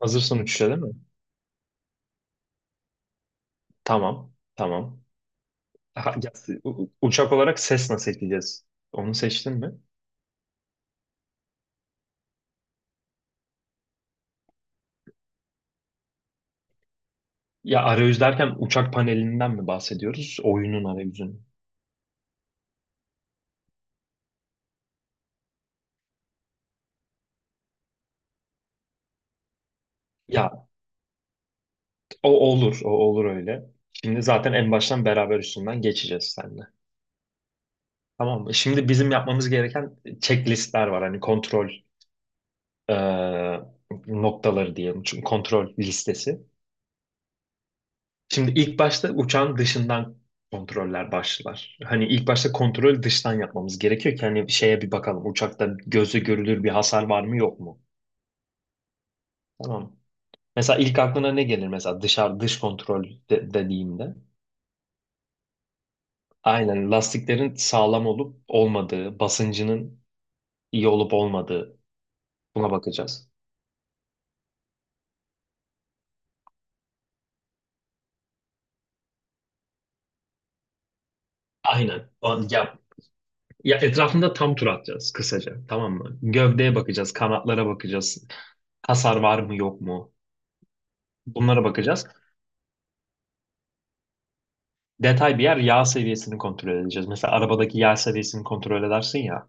Hazırsın uçuşa değil mi? Tamam. Tamam. Ha, ya, Uçak olarak ses nasıl ekleyeceğiz? Onu seçtin mi? Ya arayüz derken uçak panelinden mi bahsediyoruz? Oyunun arayüzünü. Ya O olur öyle. Şimdi zaten en baştan beraber üstünden geçeceğiz seninle. Tamam mı? Şimdi bizim yapmamız gereken checklistler var. Hani kontrol e, noktaları diyelim. Çünkü kontrol listesi. Şimdi ilk başta uçağın dışından kontroller başlar. Hani ilk başta kontrol dıştan yapmamız gerekiyor ki hani şeye bir bakalım uçakta gözle görülür bir hasar var mı yok mu? Tamam. Mesela ilk aklına ne gelir mesela dışarı dış kontrol dediğimde? Aynen lastiklerin sağlam olup olmadığı, basıncının iyi olup olmadığı buna bakacağız. Aynen. Ya, etrafında tam tur atacağız kısaca tamam mı? Gövdeye bakacağız, kanatlara bakacağız. Hasar var mı yok mu? Bunlara bakacağız. Detay bir yer yağ seviyesini kontrol edeceğiz. Mesela arabadaki yağ seviyesini kontrol edersin ya.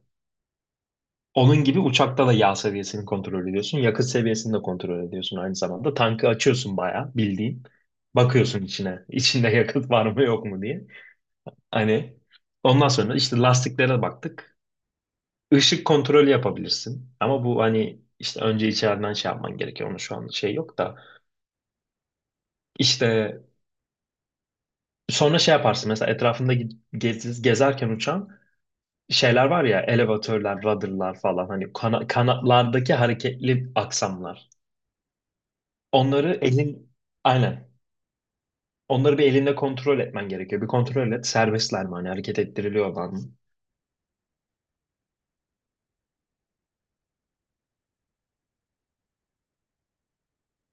Onun gibi uçakta da yağ seviyesini kontrol ediyorsun. Yakıt seviyesini de kontrol ediyorsun aynı zamanda. Tankı açıyorsun bayağı bildiğin. Bakıyorsun içine. İçinde yakıt var mı yok mu diye. Hani ondan sonra işte lastiklere baktık. Işık kontrolü yapabilirsin. Ama bu hani işte önce içeriden şey yapman gerekiyor. Onun şu an şey yok da. İşte sonra şey yaparsın. Mesela etrafında gezerken uçağın şeyler var ya elevatörler, rudder'lar falan hani kanatlardaki hareketli aksamlar. Onları elin aynen. Onları bir elinde kontrol etmen gerekiyor. Bir kontrol et serbestler mi hani hareket ettiriliyorlar mı?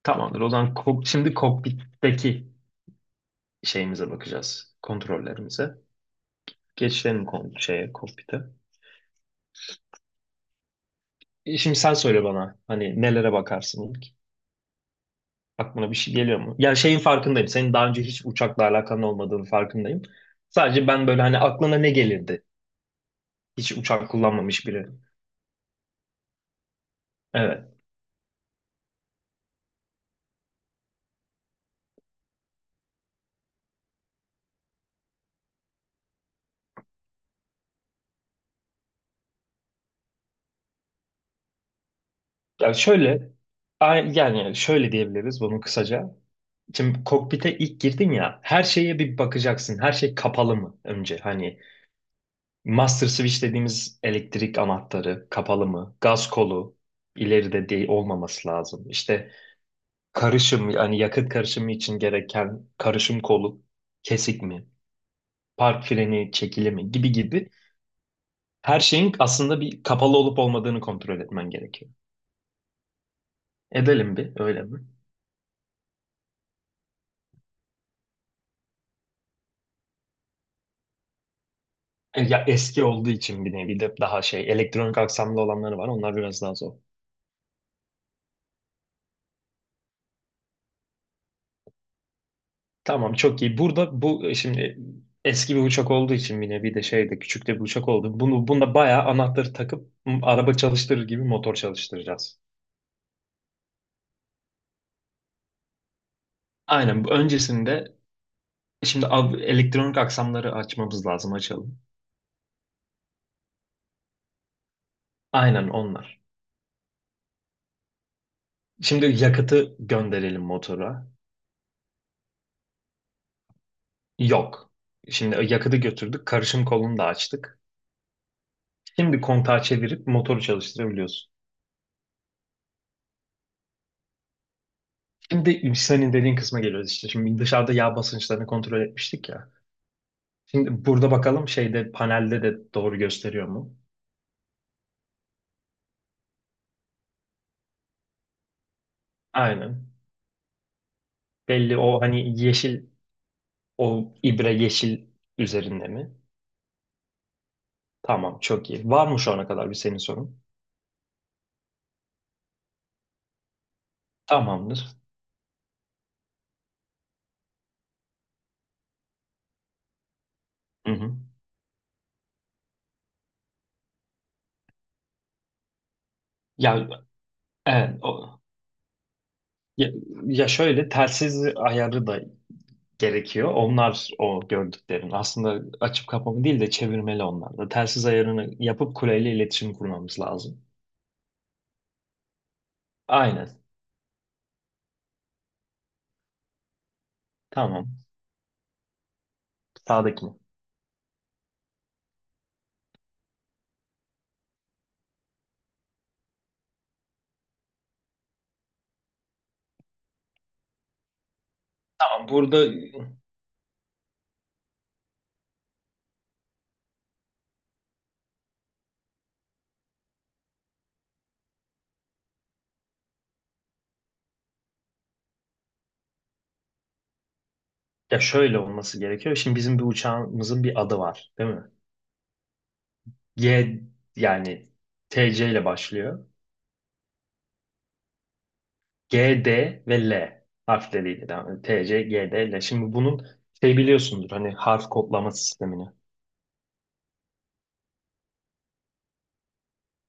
Tamamdır. O zaman şimdi kokpitteki şeyimize bakacağız. Kontrollerimize. Geçelim kon şeye kokpite. Şimdi sen söyle bana hani nelere bakarsın ilk? Aklına bir şey geliyor mu? Ya şeyin farkındayım. Senin daha önce hiç uçakla alakan olmadığını farkındayım. Sadece ben böyle hani aklına ne gelirdi. Hiç uçak kullanmamış biri. Evet. Yani şöyle yani şöyle diyebiliriz bunu kısaca. Şimdi kokpite ilk girdin ya her şeye bir bakacaksın. Her şey kapalı mı önce? Hani master switch dediğimiz elektrik anahtarı kapalı mı? Gaz kolu ileride değil olmaması lazım. İşte karışım yani yakıt karışımı için gereken karışım kolu kesik mi? Park freni çekili mi? Gibi gibi her şeyin aslında bir kapalı olup olmadığını kontrol etmen gerekiyor. Edelim bir öyle mi? Ya eski olduğu için bir nevi de daha şey elektronik aksamlı olanları var. Onlar biraz daha zor. Tamam çok iyi. Burada bu şimdi eski bir uçak olduğu için bir nevi de şey de küçük de bir uçak oldu. Bunu bunda bayağı anahtarı takıp araba çalıştırır gibi motor çalıştıracağız. Aynen bu öncesinde şimdi elektronik aksamları açmamız lazım açalım. Aynen onlar. Şimdi yakıtı gönderelim motora. Yok. Şimdi yakıtı götürdük. Karışım kolunu da açtık. Şimdi kontağı çevirip motoru çalıştırabiliyorsun. Şimdi senin dediğin kısma geliyoruz işte. Şimdi dışarıda yağ basınçlarını kontrol etmiştik ya. Şimdi burada bakalım şeyde panelde de doğru gösteriyor mu? Aynen. Belli o hani yeşil o ibre yeşil üzerinde mi? Tamam çok iyi. Var mı şu ana kadar bir senin sorun? Tamamdır. Hı hı. Ya evet, o, ya, ya şöyle telsiz ayarı da gerekiyor. Onlar o gördüklerin. Aslında açıp kapama değil de çevirmeli onlar da. Telsiz ayarını yapıp kuleyle iletişim kurmamız lazım. Aynen. Tamam. Sağdaki mi? Tamam, burada ya şöyle olması gerekiyor. Şimdi bizim bir uçağımızın bir adı var, değil mi? G yani TC ile başlıyor. GD ve L harfleriyle devam ediyor. TC, GD, L. Şimdi bunun şey biliyorsundur hani harf kodlama sistemini.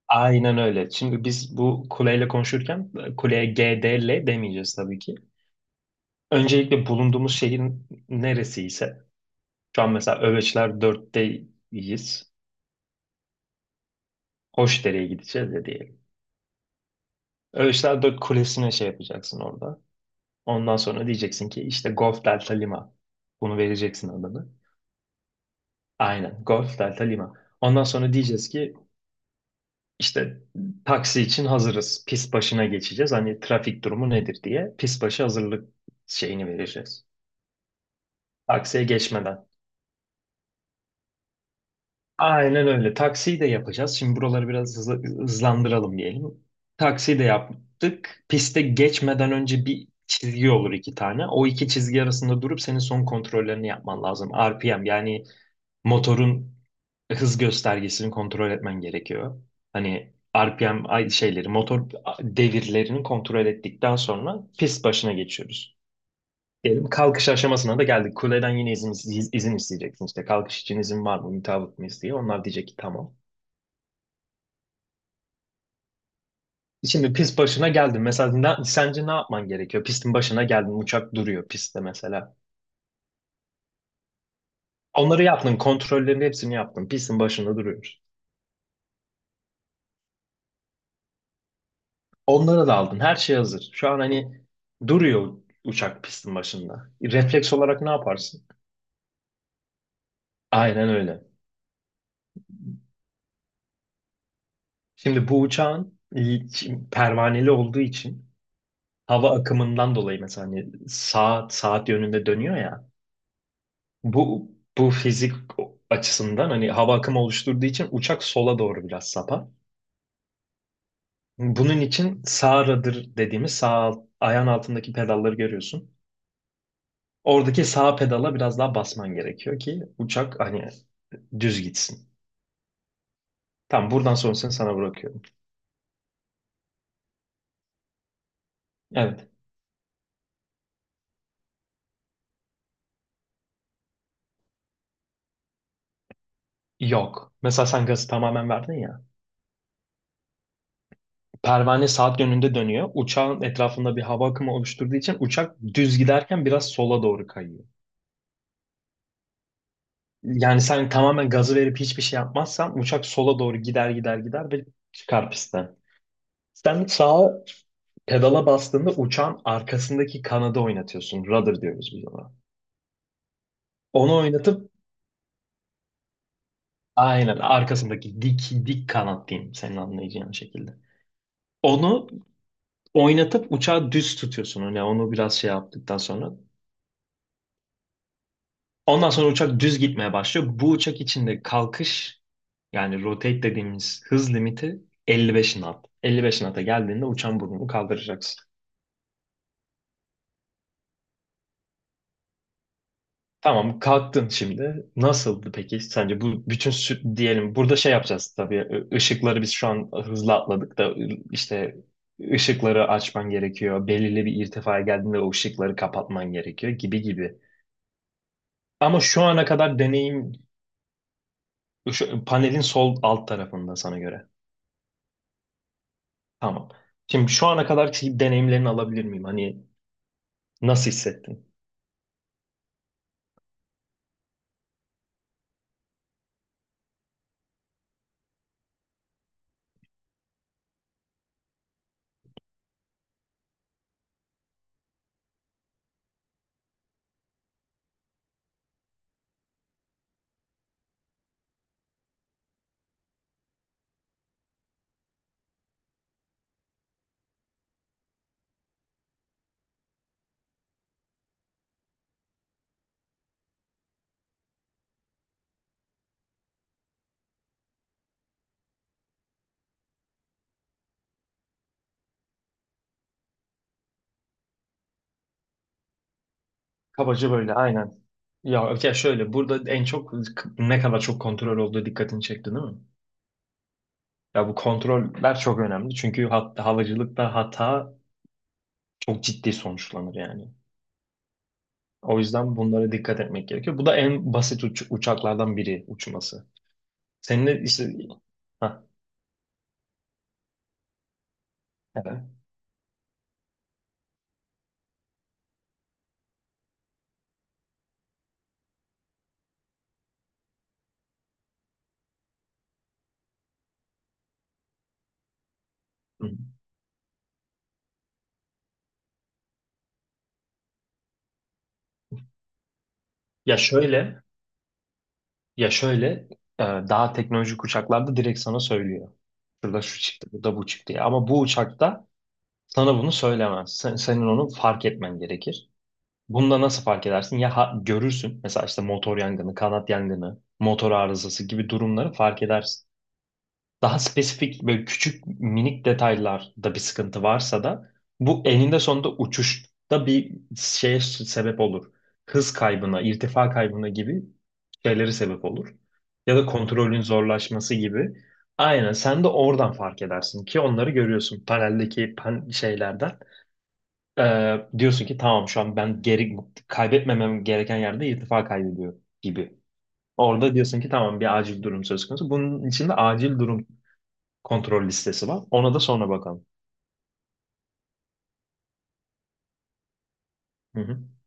Aynen öyle. Şimdi biz bu kuleyle konuşurken kuleye GD, L demeyeceğiz tabii ki. Öncelikle bulunduğumuz şehrin neresi ise şu an mesela Öveçler dörtteyiz. Hoşdere'ye gideceğiz ya diyelim. Öğüşler Dört Kulesi'ne şey yapacaksın orada. Ondan sonra diyeceksin ki işte Golf Delta Lima. Bunu vereceksin adını. Aynen. Golf Delta Lima. Ondan sonra diyeceğiz ki işte taksi için hazırız. Pist başına geçeceğiz. Hani trafik durumu nedir diye pist başı hazırlık şeyini vereceğiz. Taksiye geçmeden. Aynen öyle. Taksiyi de yapacağız. Şimdi buraları biraz hızlandıralım diyelim. Taksiyi de yaptık. Piste geçmeden önce bir çizgi olur iki tane. O iki çizgi arasında durup senin son kontrollerini yapman lazım. RPM yani motorun hız göstergesini kontrol etmen gerekiyor. Hani RPM şeyleri, motor devirlerini kontrol ettikten sonra pist başına geçiyoruz. Diyelim kalkış aşamasına da geldik. Kuleden yine izin isteyeceksin. İşte kalkış için izin var mı, mutabık mıyız diye. Onlar diyecek ki tamam. Şimdi pist başına geldin. Mesela sence ne yapman gerekiyor? Pistin başına geldin. Uçak duruyor pistte mesela. Onları yaptın. Kontrollerin hepsini yaptın. Pistin başında duruyor. Onları da aldın. Her şey hazır. Şu an hani duruyor uçak pistin başında. Refleks olarak ne yaparsın? Aynen öyle. Şimdi bu uçağın pervaneli olduğu için hava akımından dolayı mesela hani saat yönünde dönüyor ya. Bu bu fizik açısından hani hava akımı oluşturduğu için uçak sola doğru biraz sapar. Bunun için sağ rudder dediğimiz sağ ayağın altındaki pedalları görüyorsun. Oradaki sağ pedala biraz daha basman gerekiyor ki uçak hani düz gitsin. Tamam buradan sonrasını sana bırakıyorum. Evet. Yok. Mesela sen gazı tamamen verdin ya. Pervane saat yönünde dönüyor. Uçağın etrafında bir hava akımı oluşturduğu için uçak düz giderken biraz sola doğru kayıyor. Yani sen tamamen gazı verip hiçbir şey yapmazsan uçak sola doğru gider ve çıkar pistten. Sen sağa pedala bastığında uçan arkasındaki kanadı oynatıyorsun. Rudder diyoruz biz ona. Onu oynatıp Aynen arkasındaki dik dik kanat diyeyim senin anlayacağın şekilde. Onu oynatıp uçağı düz tutuyorsun. Hani onu biraz şey yaptıktan sonra. Ondan sonra uçak düz gitmeye başlıyor. Bu uçak içinde kalkış yani rotate dediğimiz hız limiti 55 knot. 55 knot'a geldiğinde uçan burnunu kaldıracaksın. Tamam kalktın şimdi. Nasıldı peki sence bu bütün diyelim burada şey yapacağız tabii ışıkları biz şu an hızlı atladık da işte ışıkları açman gerekiyor. Belirli bir irtifaya geldiğinde o ışıkları kapatman gerekiyor gibi gibi. Ama şu ana kadar deneyim şu, panelin sol alt tarafında sana göre. Tamam. Şimdi şu ana kadar ki deneyimlerini alabilir miyim? Hani nasıl hissettin? Kabaca böyle aynen. Ya şöyle burada en çok ne kadar çok kontrol olduğu dikkatini çekti değil mi? Ya bu kontroller çok önemli çünkü hat halıcılıkta hata çok ciddi sonuçlanır yani. O yüzden bunlara dikkat etmek gerekiyor. Bu da en basit uçaklardan biri uçması. Seninle işte ha evet. Hı. Ya şöyle ya şöyle Daha teknolojik uçaklarda direkt sana söylüyor. Şurada şu çıktı, burada bu çıktı diye. Ama bu uçakta sana bunu söylemez. Senin onu fark etmen gerekir. Bunda nasıl fark edersin? Ya görürsün mesela işte motor yangını, kanat yangını, motor arızası gibi durumları fark edersin. Daha spesifik böyle küçük minik detaylarda bir sıkıntı varsa da bu eninde sonunda uçuşta bir şeye sebep olur. Hız kaybına, irtifa kaybına gibi şeyleri sebep olur. Ya da kontrolün zorlaşması gibi. Aynen sen de oradan fark edersin ki onları görüyorsun paneldeki pan şeylerden. Diyorsun ki tamam şu an ben geri kaybetmemem gereken yerde irtifa kaybediyor gibi. Orada diyorsun ki tamam bir acil durum söz konusu. Bunun içinde acil durum kontrol listesi var. Ona da sonra bakalım. Hı hı.